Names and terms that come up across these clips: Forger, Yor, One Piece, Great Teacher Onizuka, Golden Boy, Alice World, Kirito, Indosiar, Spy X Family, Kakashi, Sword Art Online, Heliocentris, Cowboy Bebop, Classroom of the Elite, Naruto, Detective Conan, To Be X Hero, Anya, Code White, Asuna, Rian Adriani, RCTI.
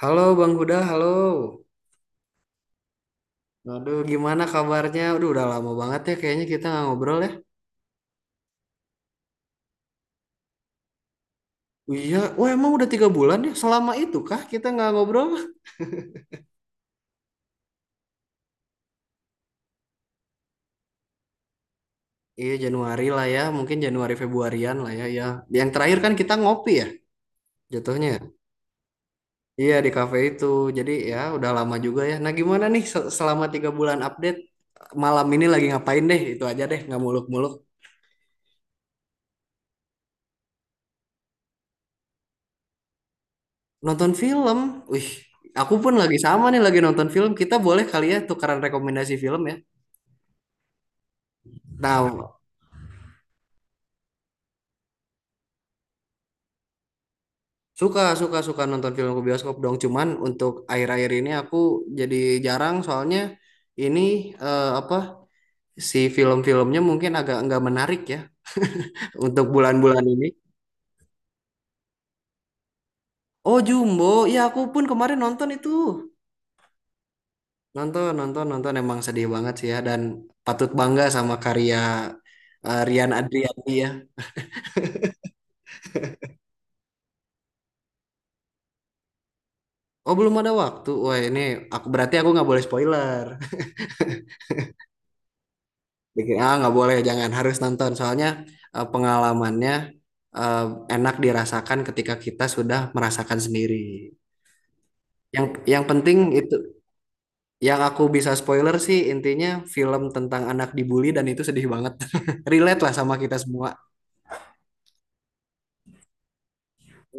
Halo Bang Huda, halo. Aduh, gimana kabarnya? Aduh, udah lama banget ya kayaknya kita nggak ngobrol ya. Iya, wah emang udah tiga bulan ya? Selama itu kah kita nggak ngobrol? Iya, Januari lah ya. Mungkin Januari Februarian lah ya. Ya, yang terakhir kan kita ngopi ya, jatuhnya, ya? Iya, di kafe itu. Jadi ya udah lama juga ya. Nah, gimana nih selama tiga bulan update? Malam ini lagi ngapain deh? Itu aja deh, nggak muluk-muluk. Nonton film. Wih, aku pun lagi sama nih lagi nonton film. Kita boleh kali ya tukaran rekomendasi film ya. Nah, suka, suka, suka nonton film ke bioskop dong. Cuman untuk akhir-akhir ini aku jadi jarang soalnya ini apa si film-filmnya mungkin agak nggak menarik ya untuk bulan-bulan ini. Oh Jumbo, ya aku pun kemarin nonton itu. Nonton, nonton, nonton emang sedih banget sih ya dan patut bangga sama karya Rian Adriani ya. Oh belum ada waktu. Wah ini aku berarti aku nggak boleh spoiler. Ah, nggak boleh, jangan harus nonton. Soalnya pengalamannya eh, enak dirasakan ketika kita sudah merasakan sendiri. Yang yang penting itu, yang aku bisa spoiler sih intinya film tentang anak dibully dan itu sedih banget. Relate lah sama kita semua.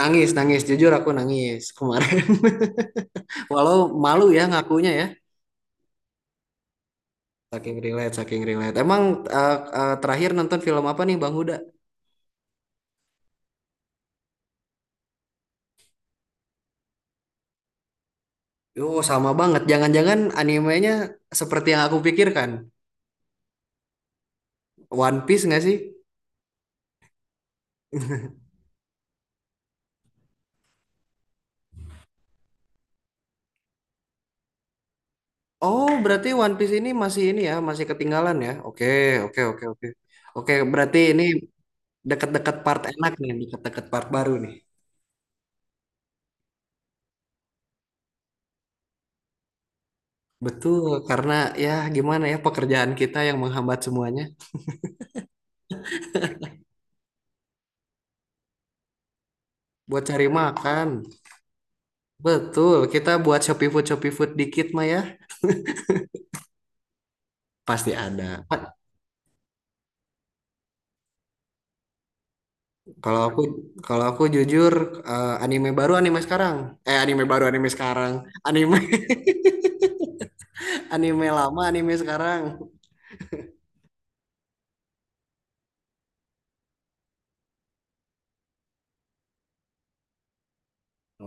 Nangis, nangis. Jujur aku nangis kemarin. Walau malu ya ngakunya ya. Saking relate, saking relate. Emang terakhir nonton film apa nih Bang Huda? Yo, sama banget. Jangan-jangan animenya seperti yang aku pikirkan. One Piece nggak sih? Oh, berarti One Piece ini masih ini ya, masih ketinggalan ya? Oke, oke, oke, oke. Oke, berarti ini deket-deket part enak nih, deket-deket part baru nih. Betul, karena ya gimana ya pekerjaan kita yang menghambat semuanya. Buat cari makan. Betul, kita buat Shopee Food, Shopee Food dikit mah ya. Pasti ada. Pa- Kalau aku kalau aku jujur anime baru anime sekarang. Anime baru anime sekarang. Anime anime lama anime sekarang.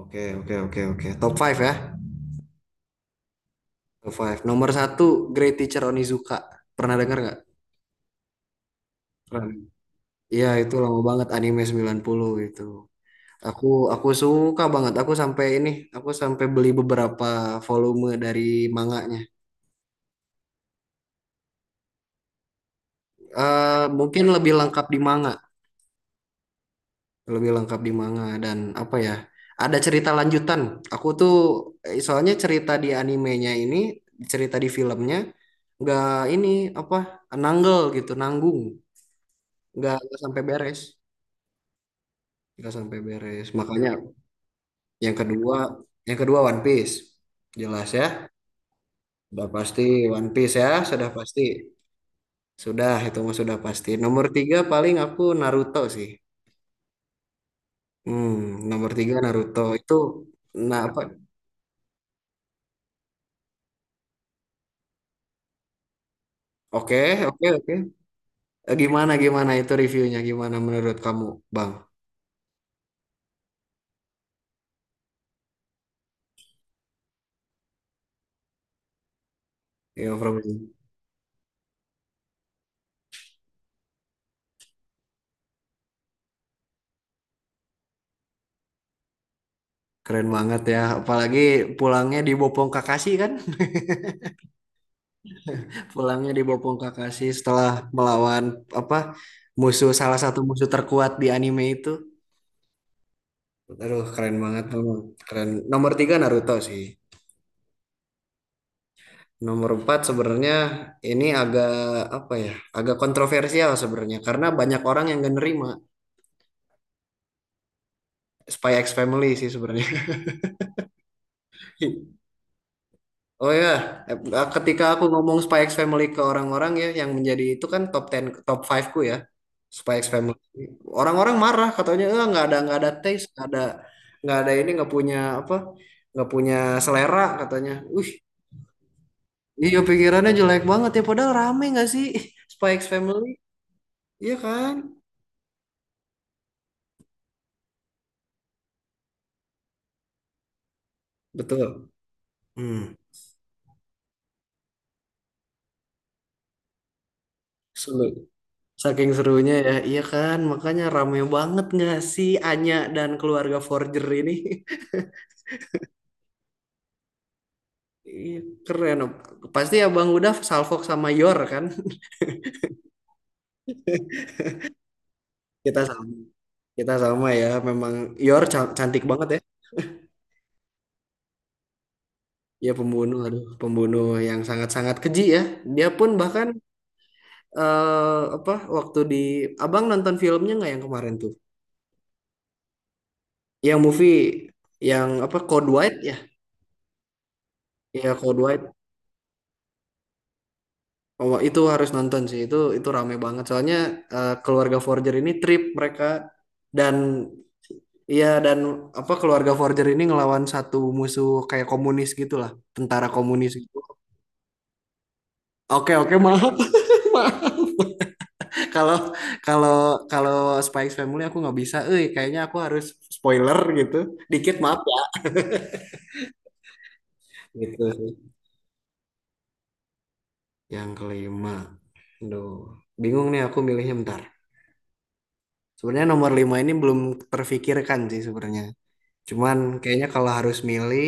Oke, oke, oke, oke. Top five ya. Top five. Nomor satu, Great Teacher Onizuka. Pernah dengar nggak? Pernah. Iya, itu lama banget anime 90 itu. Aku aku suka banget. Aku sampai ini, aku sampai beli beberapa volume dari manganya. Eh, mungkin lebih lengkap di manga, lebih lengkap di manga dan apa ya? Ada cerita lanjutan. Aku tuh soalnya cerita di animenya ini, cerita di filmnya nggak ini apa? Nanggel gitu, nanggung. Nggak sampai beres, nggak sampai beres makanya yang kedua yang kedua One Piece jelas ya, sudah pasti. One Piece ya, sudah pasti, sudah itu mah sudah pasti. Nomor tiga paling aku Naruto sih. Hmm, nomor tiga Naruto itu. Nah apa, oke oke oke. Gimana gimana itu reviewnya, gimana menurut kamu Bang? Ya Frozen keren banget ya, apalagi pulangnya dibopong Kakashi kan. Pulangnya dibopong Kakashi setelah melawan apa musuh, salah satu musuh terkuat di anime itu. Aduh, keren banget memang. Keren. Nomor tiga Naruto sih. Nomor empat sebenarnya ini agak apa ya? Agak kontroversial sebenarnya karena banyak orang yang gak nerima Spy X Family sih sebenarnya. Oh ya, ketika aku ngomong Spy X Family ke orang-orang ya, yang menjadi itu kan top 10, top 5 ku ya, Spy X Family. Orang-orang marah katanya, eh nggak ada, nggak ada taste, nggak ada ini, nggak punya apa, nggak punya selera katanya. Wih, iya pikirannya jelek banget ya, padahal rame nggak sih Spy X Family? Iya kan, betul. Hmm. Seru. Saking serunya ya, iya kan, makanya rame banget nggak sih Anya dan keluarga Forger ini. Iya, keren. Pasti Abang udah Salfok sama Yor kan? Kita sama. Kita sama ya. Memang Yor cantik banget ya. Ya pembunuh, aduh, pembunuh yang sangat-sangat keji ya. Dia pun bahkan apa waktu di Abang nonton filmnya nggak yang kemarin tuh? Yang movie, yang apa Code White ya? Ya Code White. Oh, itu harus nonton sih. Itu rame banget. Soalnya keluarga Forger ini trip mereka dan iya dan apa keluarga Forger ini ngelawan satu musuh kayak komunis gitulah, tentara komunis gitu. Oke oke maaf. maaf. Kalau kalau kalau Spikes Family aku nggak bisa, eh kayaknya aku harus spoiler gitu, dikit maaf ya. Gitu sih. Yang kelima, aduh bingung nih aku milihnya bentar. Sebenarnya nomor lima ini belum terfikirkan sih sebenarnya. Cuman kayaknya kalau harus milih,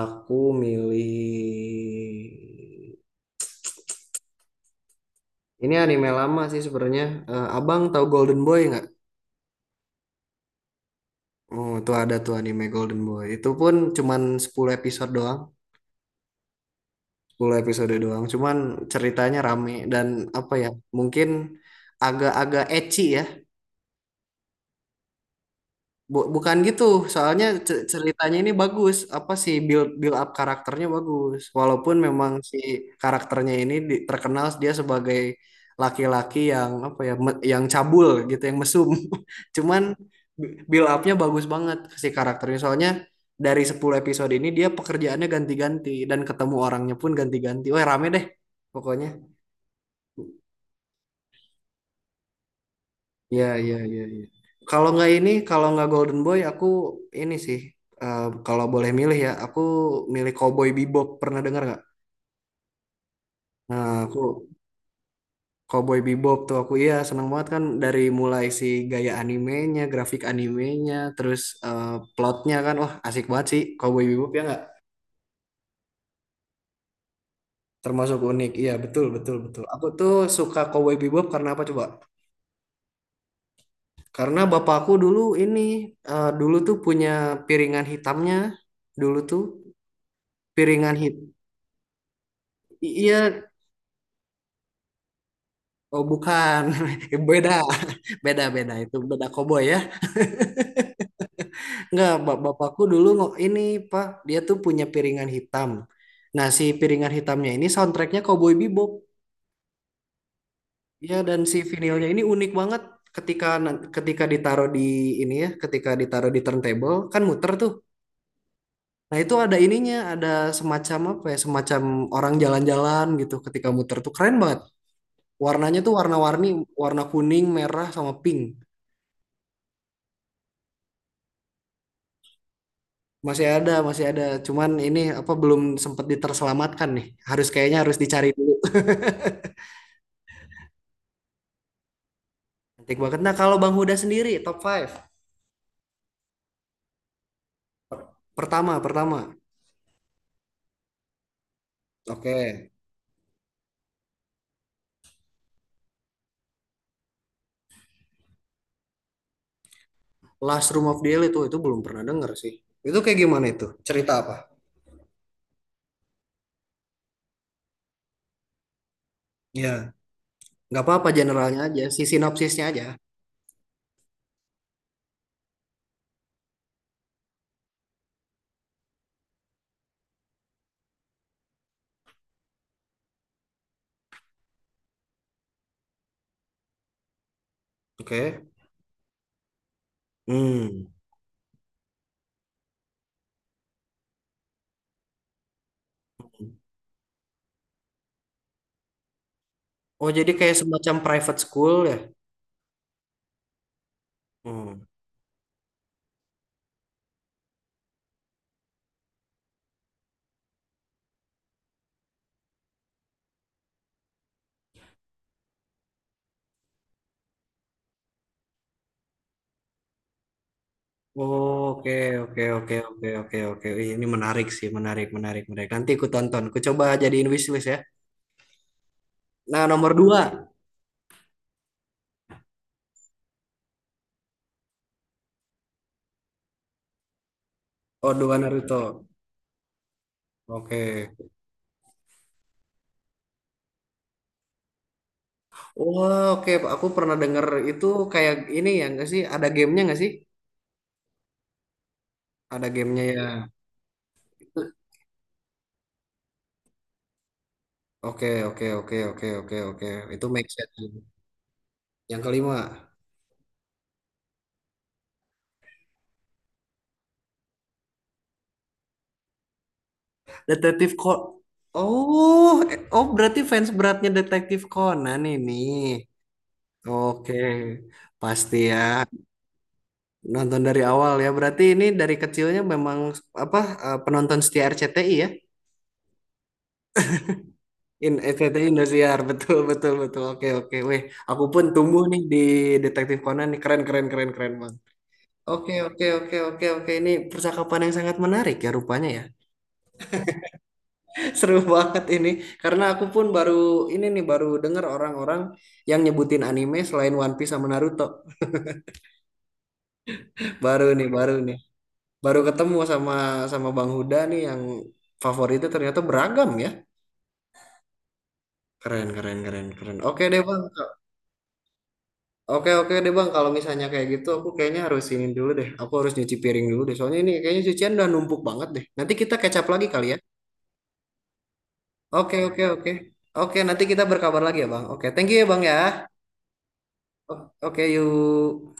aku milih ini anime lama sih sebenarnya. Eh, Abang tahu Golden Boy nggak? Oh, tuh ada tuh anime Golden Boy. Itu pun cuman 10 episode doang, 10 episode doang. Cuman ceritanya rame dan apa ya? Mungkin agak-agak ecchi ya. Bukan gitu, soalnya ceritanya ini bagus, apa sih build build up karakternya bagus. Walaupun memang si karakternya ini terkenal dia sebagai laki-laki yang apa ya, yang cabul gitu, yang mesum. Cuman build upnya bagus banget si karakternya. Soalnya dari 10 episode ini dia pekerjaannya ganti-ganti dan ketemu orangnya pun ganti-ganti. Wah, rame deh pokoknya. Iya, iya, iya, iya. Kalau nggak ini, kalau nggak Golden Boy, aku ini sih. Kalau boleh milih ya, aku milih Cowboy Bebop. Pernah dengar nggak? Nah, aku Cowboy Bebop tuh aku iya seneng banget kan dari mulai si gaya animenya, grafik animenya, terus eh, plotnya kan, wah asik banget sih Cowboy Bebop ya nggak? Termasuk unik, iya betul betul betul. Aku tuh suka Cowboy Bebop karena apa coba? Karena bapakku dulu ini, dulu tuh punya piringan hitamnya, dulu tuh piringan hit iya, oh bukan. Beda, beda, beda itu beda koboi ya. Enggak, bapakku dulu ini Pak, dia tuh punya piringan hitam. Nah, si piringan hitamnya ini soundtracknya Cowboy Bebop. Ya, dan si vinilnya ini unik banget. Ketika ketika ditaruh di ini ya, ketika ditaruh di turntable kan muter tuh. Nah, itu ada ininya, ada semacam apa ya, semacam orang jalan-jalan gitu ketika muter tuh keren banget. Warnanya tuh warna-warni, warna kuning, merah sama pink. Masih ada, masih ada. Cuman ini apa belum sempat diterselamatkan nih. Harus kayaknya harus dicari dulu. Cantik banget. Nah, kalau Bang Huda sendiri top 5. Pertama, pertama. Oke. Last Room of the Elite tuh itu belum pernah denger sih. Itu kayak gimana itu? Cerita apa? Ya, nggak apa-apa generalnya aja, si sinopsisnya aja. Oke. Hmm. Oh, jadi kayak semacam private school ya? Hmm. Oh, oke, oke, oke, oke, oke, oke. Ih, ini menarik sih, menarik, menarik, menarik. Nanti aku tonton. Aku coba jadiin wishlist ya. Nah, nomor dua. Oh, dua Naruto. Oke. Oh, oke. Aku pernah denger itu kayak ini ya nggak sih? Ada gamenya nggak sih? Ada gamenya ya. Itu- oke, oke, oke, oke, oke, oke. Itu make sense. Yang kelima, Detektif Conan. Oh, eh, oh berarti fans beratnya Detektif Conan ini. Oke, pasti ya. Nonton dari awal ya. Berarti ini dari kecilnya memang apa penonton setia RCTI ya? In SCTI Indosiar, betul betul betul. Oke oke, weh, aku pun tumbuh nih di Detektif Conan nih keren keren keren keren bang. Oke oke oke oke oke ini percakapan yang sangat menarik ya rupanya ya. Seru banget ini karena aku pun baru ini nih baru dengar orang-orang yang nyebutin anime selain One Piece sama Naruto. Baru nih baru nih baru ketemu sama sama Bang Huda nih yang favoritnya ternyata beragam ya. Keren keren keren keren. Oke deh bang, oke oke deh bang, kalau misalnya kayak gitu aku kayaknya harus ini dulu deh. Aku harus nyuci piring dulu deh. Soalnya ini kayaknya cucian udah numpuk banget deh. Nanti kita kecap lagi kali ya. Oke oke oke. Oke nanti kita berkabar lagi ya bang. Oke thank you ya bang ya. Oke yuk.